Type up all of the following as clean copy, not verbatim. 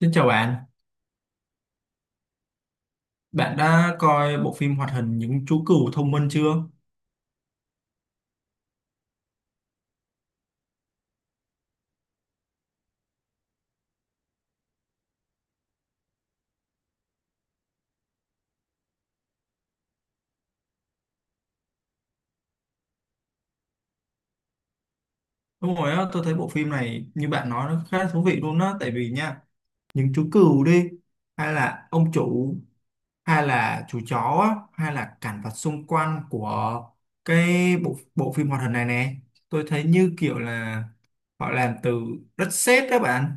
Xin chào bạn, bạn đã coi bộ phim hoạt hình Những chú cừu thông minh chưa? Đúng rồi á, tôi thấy bộ phim này như bạn nói nó khá thú vị luôn á, tại vì nha, những chú cừu đi, hay là ông chủ, hay là chú chó, á, hay là cảnh vật xung quanh của cái bộ bộ phim hoạt hình này nè, tôi thấy như kiểu là họ làm từ đất sét đó bạn,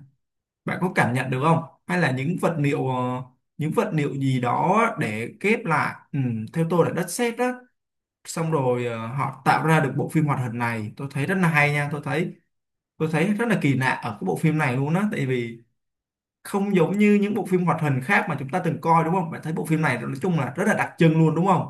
bạn có cảm nhận được không? Hay là những vật liệu những vật liệu gì đó để ghép lại, ừ, theo tôi là đất sét đó xong rồi họ tạo ra được bộ phim hoạt hình này tôi thấy rất là hay nha tôi thấy rất là kỳ lạ ở cái bộ phim này luôn á, tại vì không giống như những bộ phim hoạt hình khác mà chúng ta từng coi, đúng không? Bạn thấy bộ phim này nói chung là rất là đặc trưng luôn, đúng không?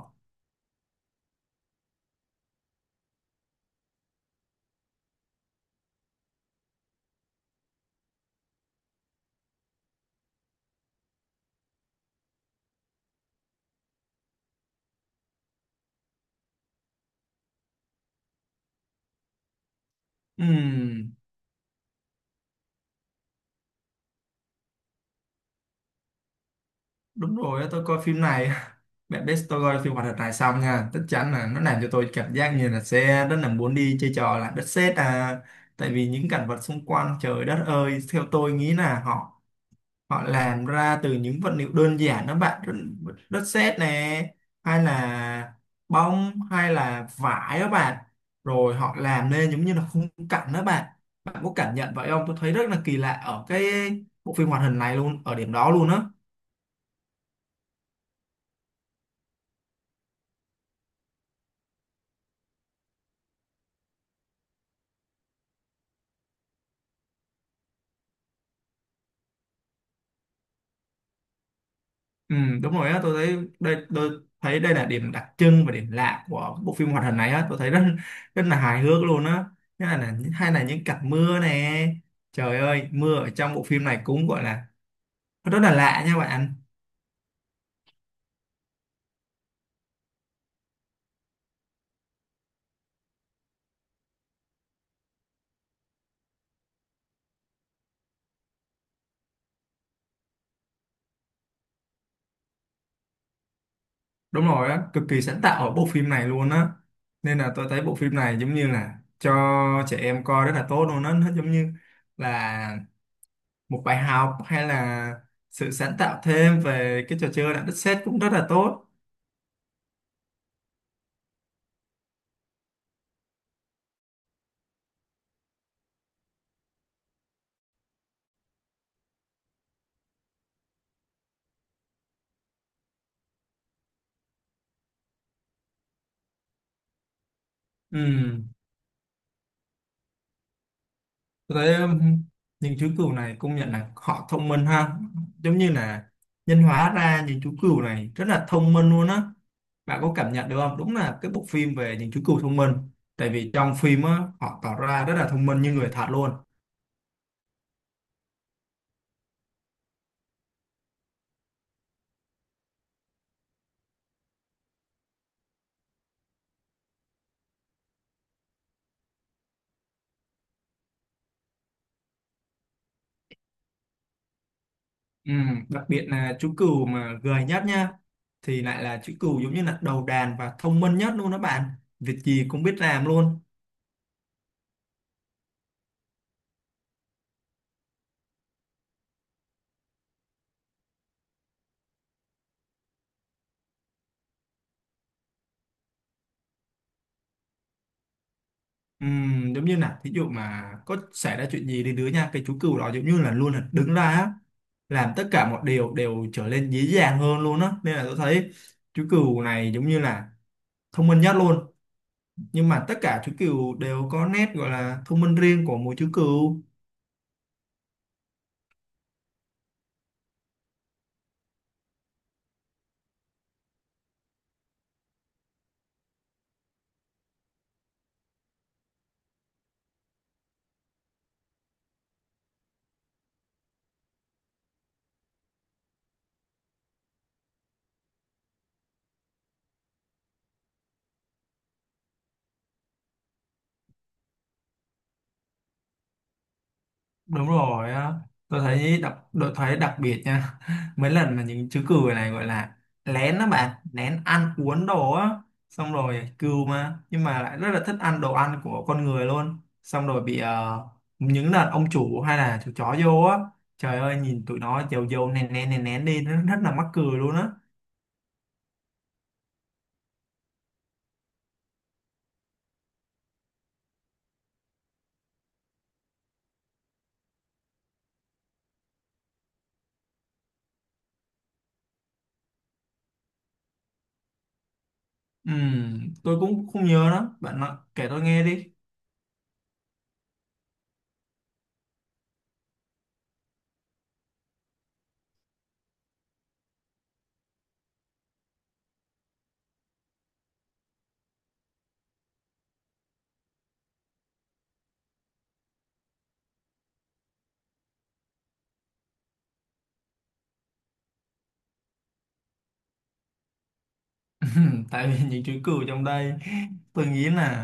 Ừm, đúng rồi á, tôi coi phim này. Bạn biết tôi coi phim hoạt hình này xong nha, chắc chắn là nó làm cho tôi cảm giác như là sẽ rất là muốn đi chơi trò là đất sét à, tại vì những cảnh vật xung quanh trời đất ơi theo tôi nghĩ là họ họ làm ra từ những vật liệu đơn giản đó bạn, đất, đất sét nè, hay là bông hay là vải đó bạn, rồi họ làm nên giống như là khung cảnh đó bạn. Bạn có cảm nhận vậy không? Tôi thấy rất là kỳ lạ ở cái bộ phim hoạt hình này luôn, ở điểm đó luôn á. Ừ, đúng rồi á, tôi thấy đây là điểm đặc trưng và điểm lạ của bộ phim hoạt hình này á, tôi thấy rất rất là hài hước luôn á. Thế hay là những cảnh mưa nè, trời ơi mưa ở trong bộ phim này cũng gọi là rất là lạ nha bạn. Đúng rồi á, cực kỳ sáng tạo ở bộ phim này luôn á, nên là tôi thấy bộ phim này giống như là cho trẻ em coi rất là tốt luôn á, nó giống như là một bài học hay là sự sáng tạo thêm về cái trò chơi đạo đất sét cũng rất là tốt. Ừ, tôi thấy những chú cừu này công nhận là họ thông minh ha, giống như là nhân hóa ra những chú cừu này rất là thông minh luôn á. Bạn có cảm nhận được không? Đúng là cái bộ phim về những chú cừu thông minh, tại vì trong phim á họ tỏ ra rất là thông minh như người thật luôn. Ừ, đặc biệt là chú cừu mà gầy nhất nha, thì lại là chú cừu giống như là đầu đàn và thông minh nhất luôn đó bạn, việc gì cũng biết làm luôn. Ừ, giống như là thí dụ mà có xảy ra chuyện gì đến đứa nha, cái chú cừu đó giống như là luôn là đứng ra á, làm tất cả mọi điều đều trở nên dễ dàng hơn luôn á, nên là tôi thấy chú cừu này giống như là thông minh nhất luôn, nhưng mà tất cả chú cừu đều có nét gọi là thông minh riêng của mỗi chú cừu. Đúng rồi á, tôi thấy đặc biệt nha, mấy lần mà những chú cừu này gọi là lén đó bạn, lén ăn uống đồ á, xong rồi cừu mà nhưng mà lại rất là thích ăn đồ ăn của con người luôn, xong rồi bị những lần ông chủ hay là chú chó vô á, trời ơi nhìn tụi nó dầu dầu nén nén nén nén đi nó rất là mắc cười luôn á. Tôi cũng không nhớ đó bạn, nói, kể tôi nghe đi. Tại vì những chú cừu trong đây tôi nghĩ là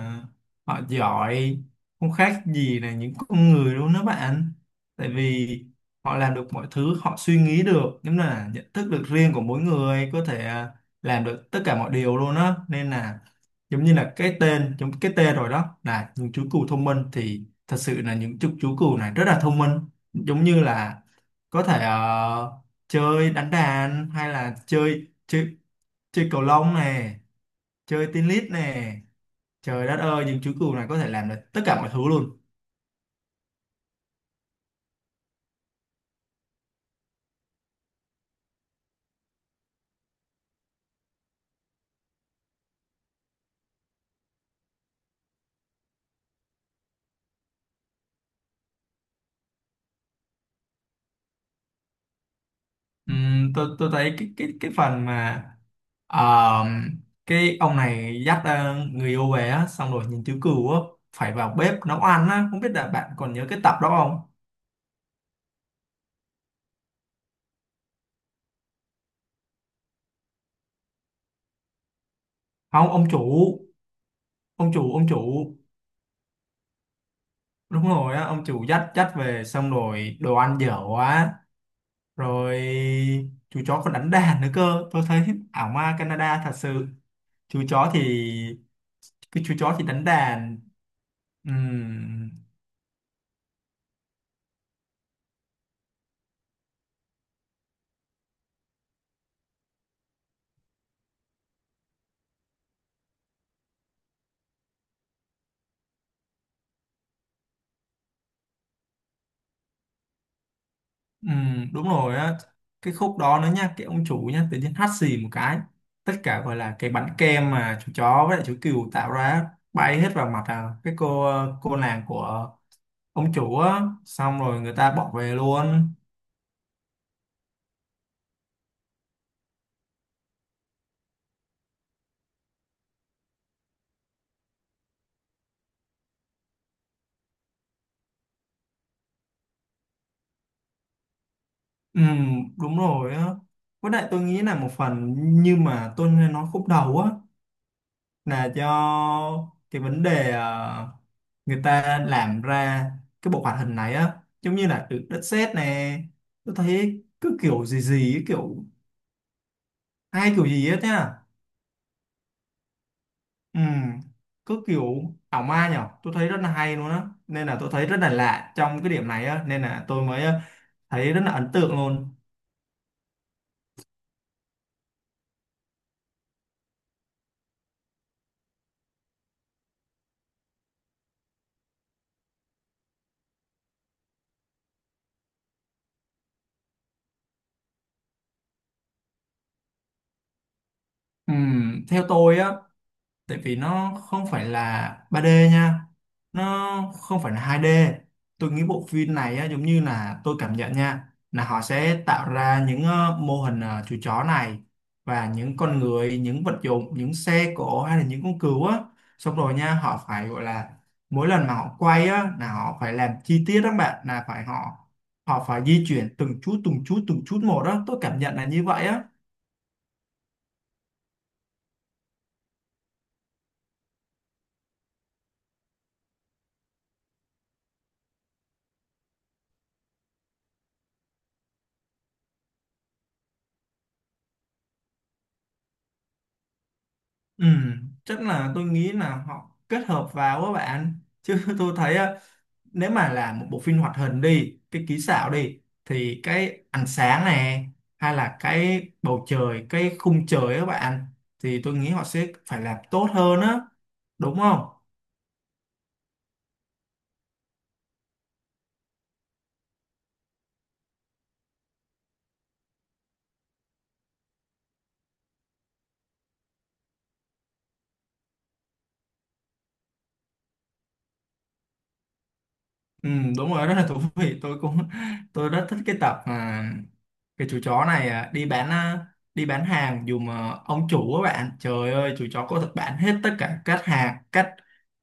họ giỏi không khác gì là những con người luôn đó bạn, tại vì họ làm được mọi thứ, họ suy nghĩ được giống như là nhận thức được riêng của mỗi người, có thể à, làm được tất cả mọi điều luôn á, nên là giống như là cái tên, giống cái tên rồi đó là những chú cừu thông minh, thì thật sự là những chú cừu này rất là thông minh, giống như là có thể chơi đánh đàn hay là chơi chơi chơi cầu lông nè, chơi tennis nè, trời đất ơi những chú cừu này có thể làm được tất cả mọi thứ luôn. Tôi thấy cái phần mà ờ, cái ông này dắt người yêu về á, xong rồi những chú cừu á phải vào bếp nấu ăn á, không biết là bạn còn nhớ cái tập đó không? Không, ông chủ. Ông chủ. Đúng rồi á, ông chủ dắt dắt về xong rồi đồ ăn dở quá, rồi chú chó còn đánh đàn nữa cơ, tôi thấy ảo ma Canada thật sự. Chú chó thì, cái chú chó thì đánh đàn. Ừm, đúng rồi á, cái khúc đó nữa nha, cái ông chủ nha tự nhiên hắt xì một cái, tất cả gọi là cái bánh kem mà chú chó với lại chú cừu tạo ra á, bay hết vào mặt à, cái cô nàng của ông chủ á, xong rồi người ta bỏ về luôn. Đúng rồi á, với lại tôi nghĩ là một phần như mà tôi nói khúc đầu á, là do cái vấn đề người ta làm ra cái bộ hoạt hình này á giống như là từ đất sét nè, tôi thấy cứ kiểu gì gì ấy, kiểu hai kiểu gì hết nhá. Ừ, cứ kiểu ảo ma nhở, tôi thấy rất là hay luôn á, nên là tôi thấy rất là lạ trong cái điểm này á, nên là tôi mới thấy rất là ấn tượng luôn. Ừ, theo tôi á, tại vì nó không phải là 3D nha, nó không phải là 2D, tôi nghĩ bộ phim này á, giống như là tôi cảm nhận nha là họ sẽ tạo ra những mô hình, chú chó này và những con người, những vật dụng, những xe cộ hay là những con cừu á, xong rồi nha họ phải gọi là mỗi lần mà họ quay á là họ phải làm chi tiết đó các bạn, là phải họ họ phải di chuyển từng chút từng chút từng chút một đó, tôi cảm nhận là như vậy á. Ừ, chắc là tôi nghĩ là họ kết hợp vào các bạn, chứ tôi thấy á, nếu mà là một bộ phim hoạt hình đi, cái kỹ xảo đi, thì cái ánh sáng này hay là cái bầu trời, cái khung trời á các bạn, thì tôi nghĩ họ sẽ phải làm tốt hơn á, đúng không? Ừ, đúng rồi, rất là thú vị, tôi cũng, tôi rất thích cái tập mà cái chú chó này à, đi bán hàng dùm à, ông chủ các bạn, trời ơi chú chó có thật bán hết tất cả các hàng,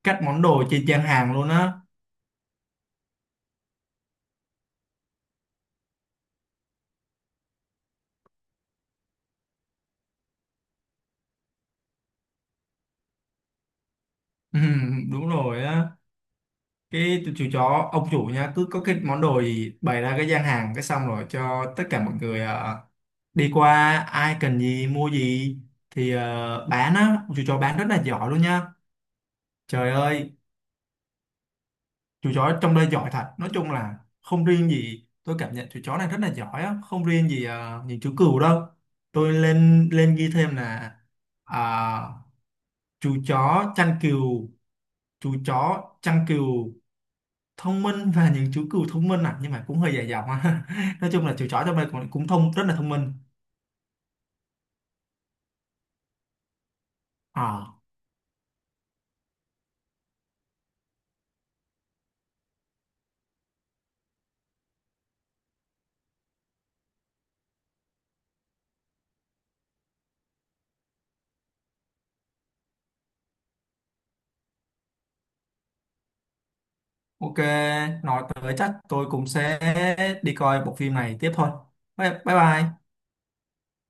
các món đồ trên trang hàng luôn á. Ừ, đúng rồi á, cái chú chó, ông chủ nha cứ có cái món đồ gì bày ra cái gian hàng cái xong rồi cho tất cả mọi người à, đi qua ai cần gì mua gì thì à, bán á, chú chó bán rất là giỏi luôn nha, trời ơi, chú chó trong đây giỏi thật, nói chung là không riêng gì, tôi cảm nhận chú chó này rất là giỏi á, không riêng gì những chú cừu đâu. Tôi lên lên ghi thêm là à, chú chó chăn cừu, chú chó chăn cừu thông minh và những chú cừu thông minh à, nhưng mà cũng hơi dài dòng á. Nói chung là chú chó trong đây cũng rất là thông minh. À ok, nói tới chắc tôi cũng sẽ đi coi bộ phim này tiếp thôi. Bye bye bye.